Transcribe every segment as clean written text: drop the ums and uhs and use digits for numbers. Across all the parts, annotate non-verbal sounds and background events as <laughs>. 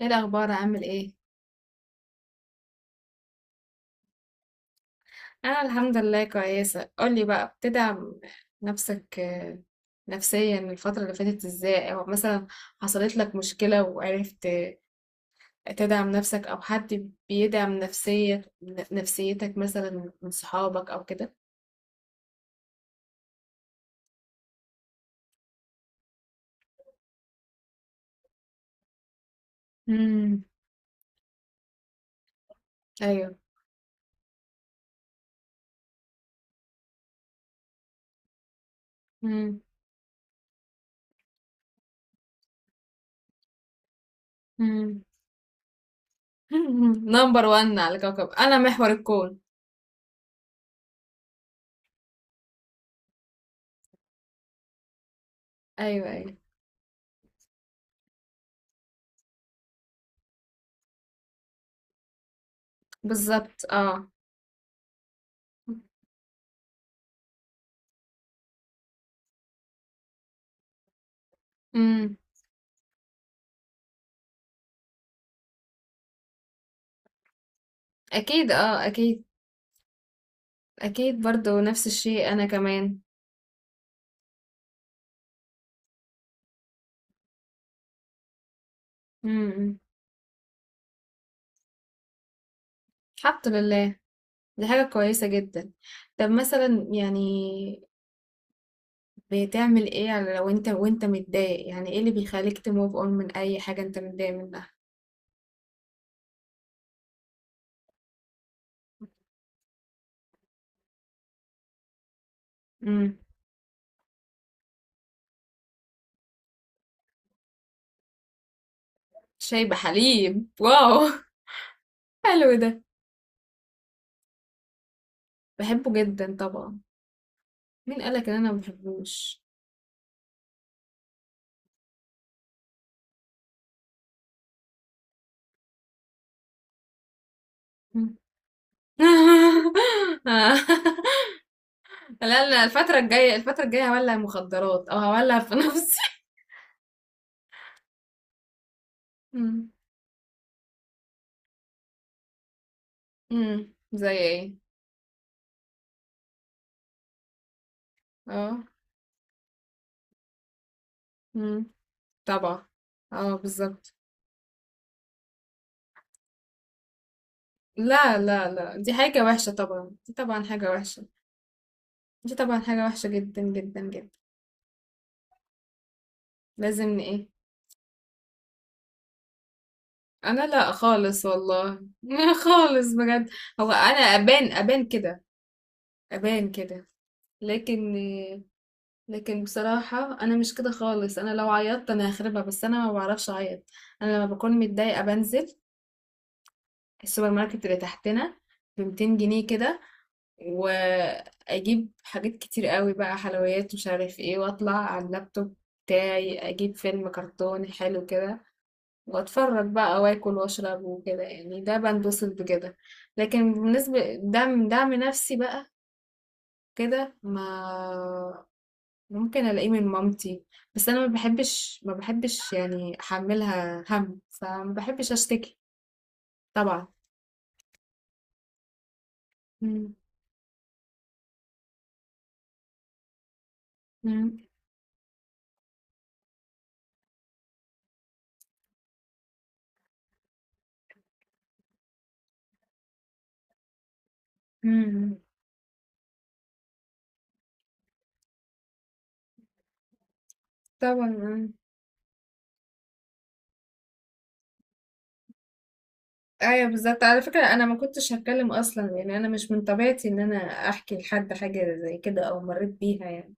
ايه الاخبار؟ عامل ايه؟ انا الحمد لله كويسه. قولي بقى بتدعم نفسك نفسيا الفتره اللي فاتت ازاي، او مثلا حصلت لك مشكله وعرفت تدعم نفسك، او حد بيدعم نفسيتك مثلا من صحابك او كده؟ امم. ايوه. امم. امم. <laughs> نمبر وان على كوكب، انا محور الكون. ايوه ايوه. بالظبط اه. امم. اكيد اه اكيد. اكيد برضو نفس الشيء انا كمان. امم. الحمد لله. دي حاجة كويسة جدا. طب مثلا يعني بتعمل ايه لو انت وانت متضايق؟ يعني ايه اللي بيخليك تموف اون من اي حاجة انت متضايق منها؟ امم. شاي بحليب، واو <laughs> حلو ده. بحبه جدا طبعا. مين قالك ان انا ما بحبوش؟ مم. <laughs> لا لا، الفترة الجاية هولع مخدرات او هولع في نفسي <laughs> امم. امم، زي ايه؟ اه. امم. طبعا. اه بالظبط. لا لا لا، دي حاجة وحشة طبعا، دي طبعا حاجة وحشة. دي طبعا حاجة وحشة جدا جدا جدا. لازم ايه. انا لا خالص والله <laughs> خالص بجد. هو انا ابان كده، ابان كده. لكن لكن بصراحة انا مش كده خالص. انا لو عيطت انا هخربها، بس انا ما بعرفش اعيط. انا لما بكون متضايقة بنزل السوبر ماركت اللي تحتنا ب 200 جنيه كده، واجيب حاجات كتير قوي بقى، حلويات مش عارف ايه، واطلع على اللابتوب بتاعي، اجيب فيلم كرتون حلو كده واتفرج بقى، واكل واشرب وكده. يعني ده بنبسط بكده. لكن بالنسبة دعم نفسي بقى كده، ما ممكن الاقيه من مامتي، بس انا ما بحبش يعني احملها هم، فما بحبش اشتكي. طبعا. مم. مم. مم. طبعا. ايوه بالظبط. على فكره انا ما كنتش هتكلم اصلا، يعني انا مش من طبيعتي ان انا احكي لحد حاجه زي كده او مريت بيها يعني،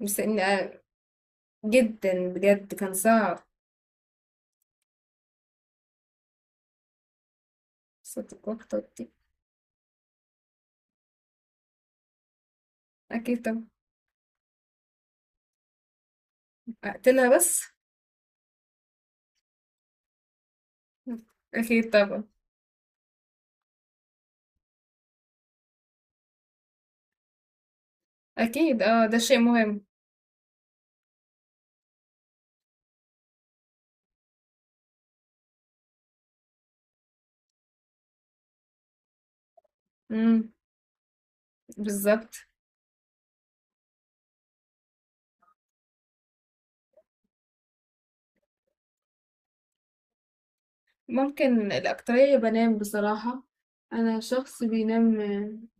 بس ان. جدا بجد كان صعب. صوتك وقتك دي. اكيد طبعا. اقتلها بس. اكيد طبعا. اكيد اه، ده شيء مهم. امم. بالظبط. ممكن الاكتريه بنام بصراحه، انا شخص بينام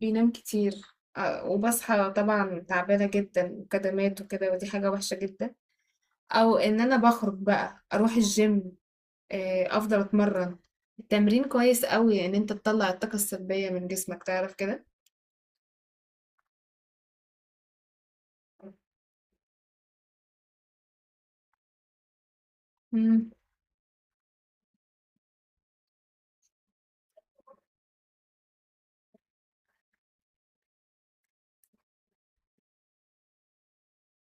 بينام كتير. وبصحى طبعا تعبانه جدا وكدمات وكده، ودي حاجه وحشه جدا. او ان انا بخرج بقى اروح الجيم، افضل اتمرن. التمرين كويس قوي ان انت تطلع الطاقة السلبية من جسمك تعرف كده. مم.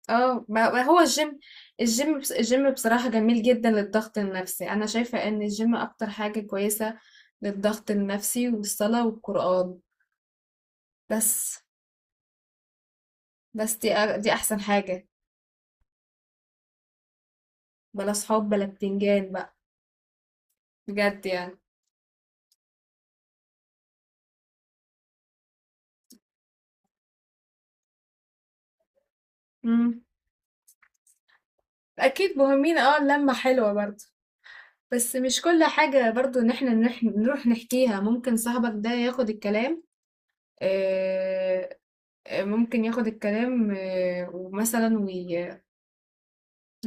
اه، ما هو الجيم. الجيم، بس الجيم بصراحة جميل جدا للضغط النفسي، انا شايفة ان الجيم اكتر حاجة كويسة للضغط النفسي، والصلاة والقرآن، بس بس دي دي احسن حاجة. بلا صحاب بلا بتنجان بقى، بجد يعني. مم. اكيد مهمين، اه اللمة حلوة برضه. بس مش كل حاجة برضو ان احنا نروح نحكيها. ممكن صاحبك ده ياخد الكلام آه، ممكن ياخد الكلام، ومثلا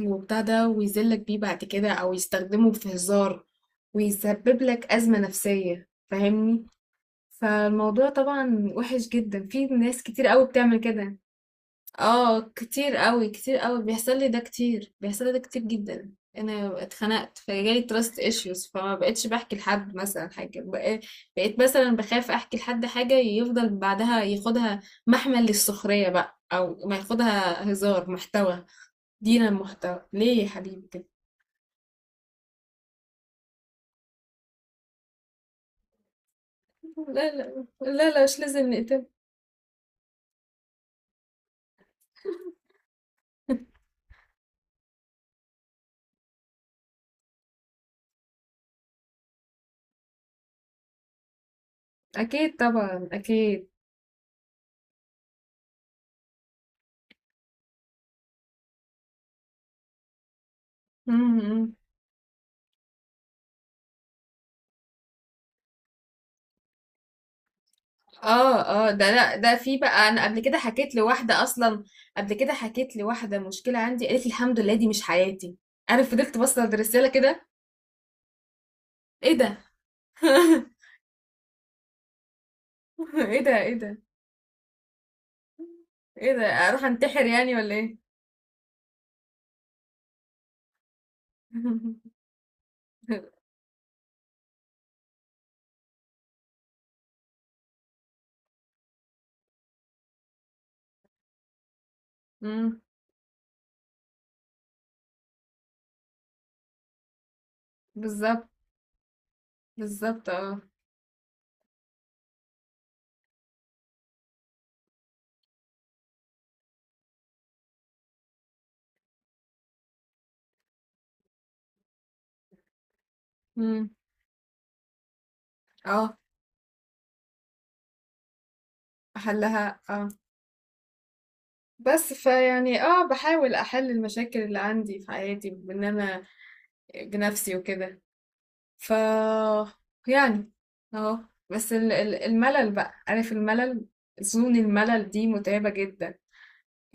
وبتاع ده ويذلك بيه بعد كده، او يستخدمه في هزار، ويسبب لك أزمة نفسية، فاهمني؟ فالموضوع طبعا وحش جدا، في ناس كتير قوي بتعمل كده. اه كتير قوي كتير قوي بيحصل لي ده. كتير جدا. انا اتخنقت، فجالي تراست ايشوز، فما بقتش بحكي لحد مثلا حاجه بقيت مثلا بخاف احكي لحد حاجه يفضل بعدها ياخدها محمل للسخريه بقى، او ما ياخدها هزار محتوى. دينا محتوى ليه يا حبيبي كده. لا لا لا لا، مش لازم نقتل <laughs> اكيد طبعا، اكيد. م- م. اه. اه ده لا، ده في بقى، انا قبل كده حكيت لواحده اصلا. قبل كده حكيت لواحده مشكله عندي، قالت لي الحمد لله دي مش حياتي. انا فضلت بص على الرساله كده، ايه ده <laughs> ايه ده، ايه ده. ايه ده، اروح انتحر يعني ولا ايه؟ <laughs> امم. بالظبط بالظبط اه. امم. اه. احلها اه. بس فيعني اه بحاول احل المشاكل اللي عندي في حياتي بان انا بنفسي وكده. ف، يعني، اهو. بس الملل بقى، عارف الملل؟ زون الملل دي متعبة جدا.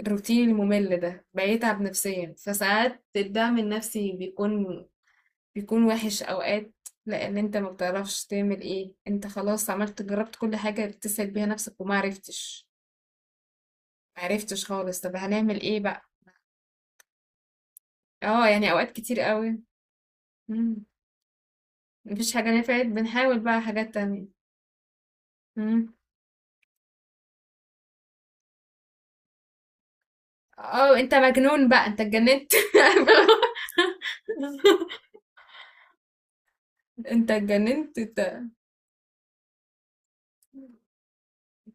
الروتين الممل ده بيتعب نفسيا، فساعات الدعم النفسي بيكون وحش اوقات، لان انت ما بتعرفش تعمل ايه. انت خلاص عملت، جربت كل حاجة بتسأل بيها نفسك وما عرفتش. ما عرفتش خالص، طب هنعمل ايه بقى؟ اه يعني اوقات كتير قوي. مم. مفيش حاجة نفعت، بنحاول بقى حاجات تانية. اه انت مجنون بقى، انت اتجننت <laughs> انت اتجننت انت.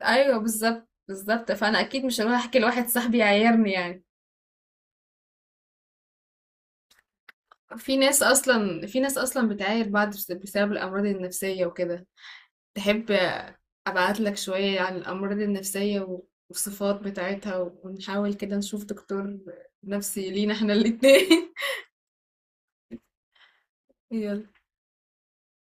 ايوه بالظبط بالظبط، فانا اكيد مش هروح احكي لواحد صاحبي يعايرني يعني. في ناس اصلا بتعاير بعض بسبب الامراض النفسيه وكده. تحب ابعت لك شويه عن الامراض النفسيه والصفات بتاعتها، ونحاول كده نشوف دكتور نفسي لينا احنا الاتنين؟ <laughs> يلا.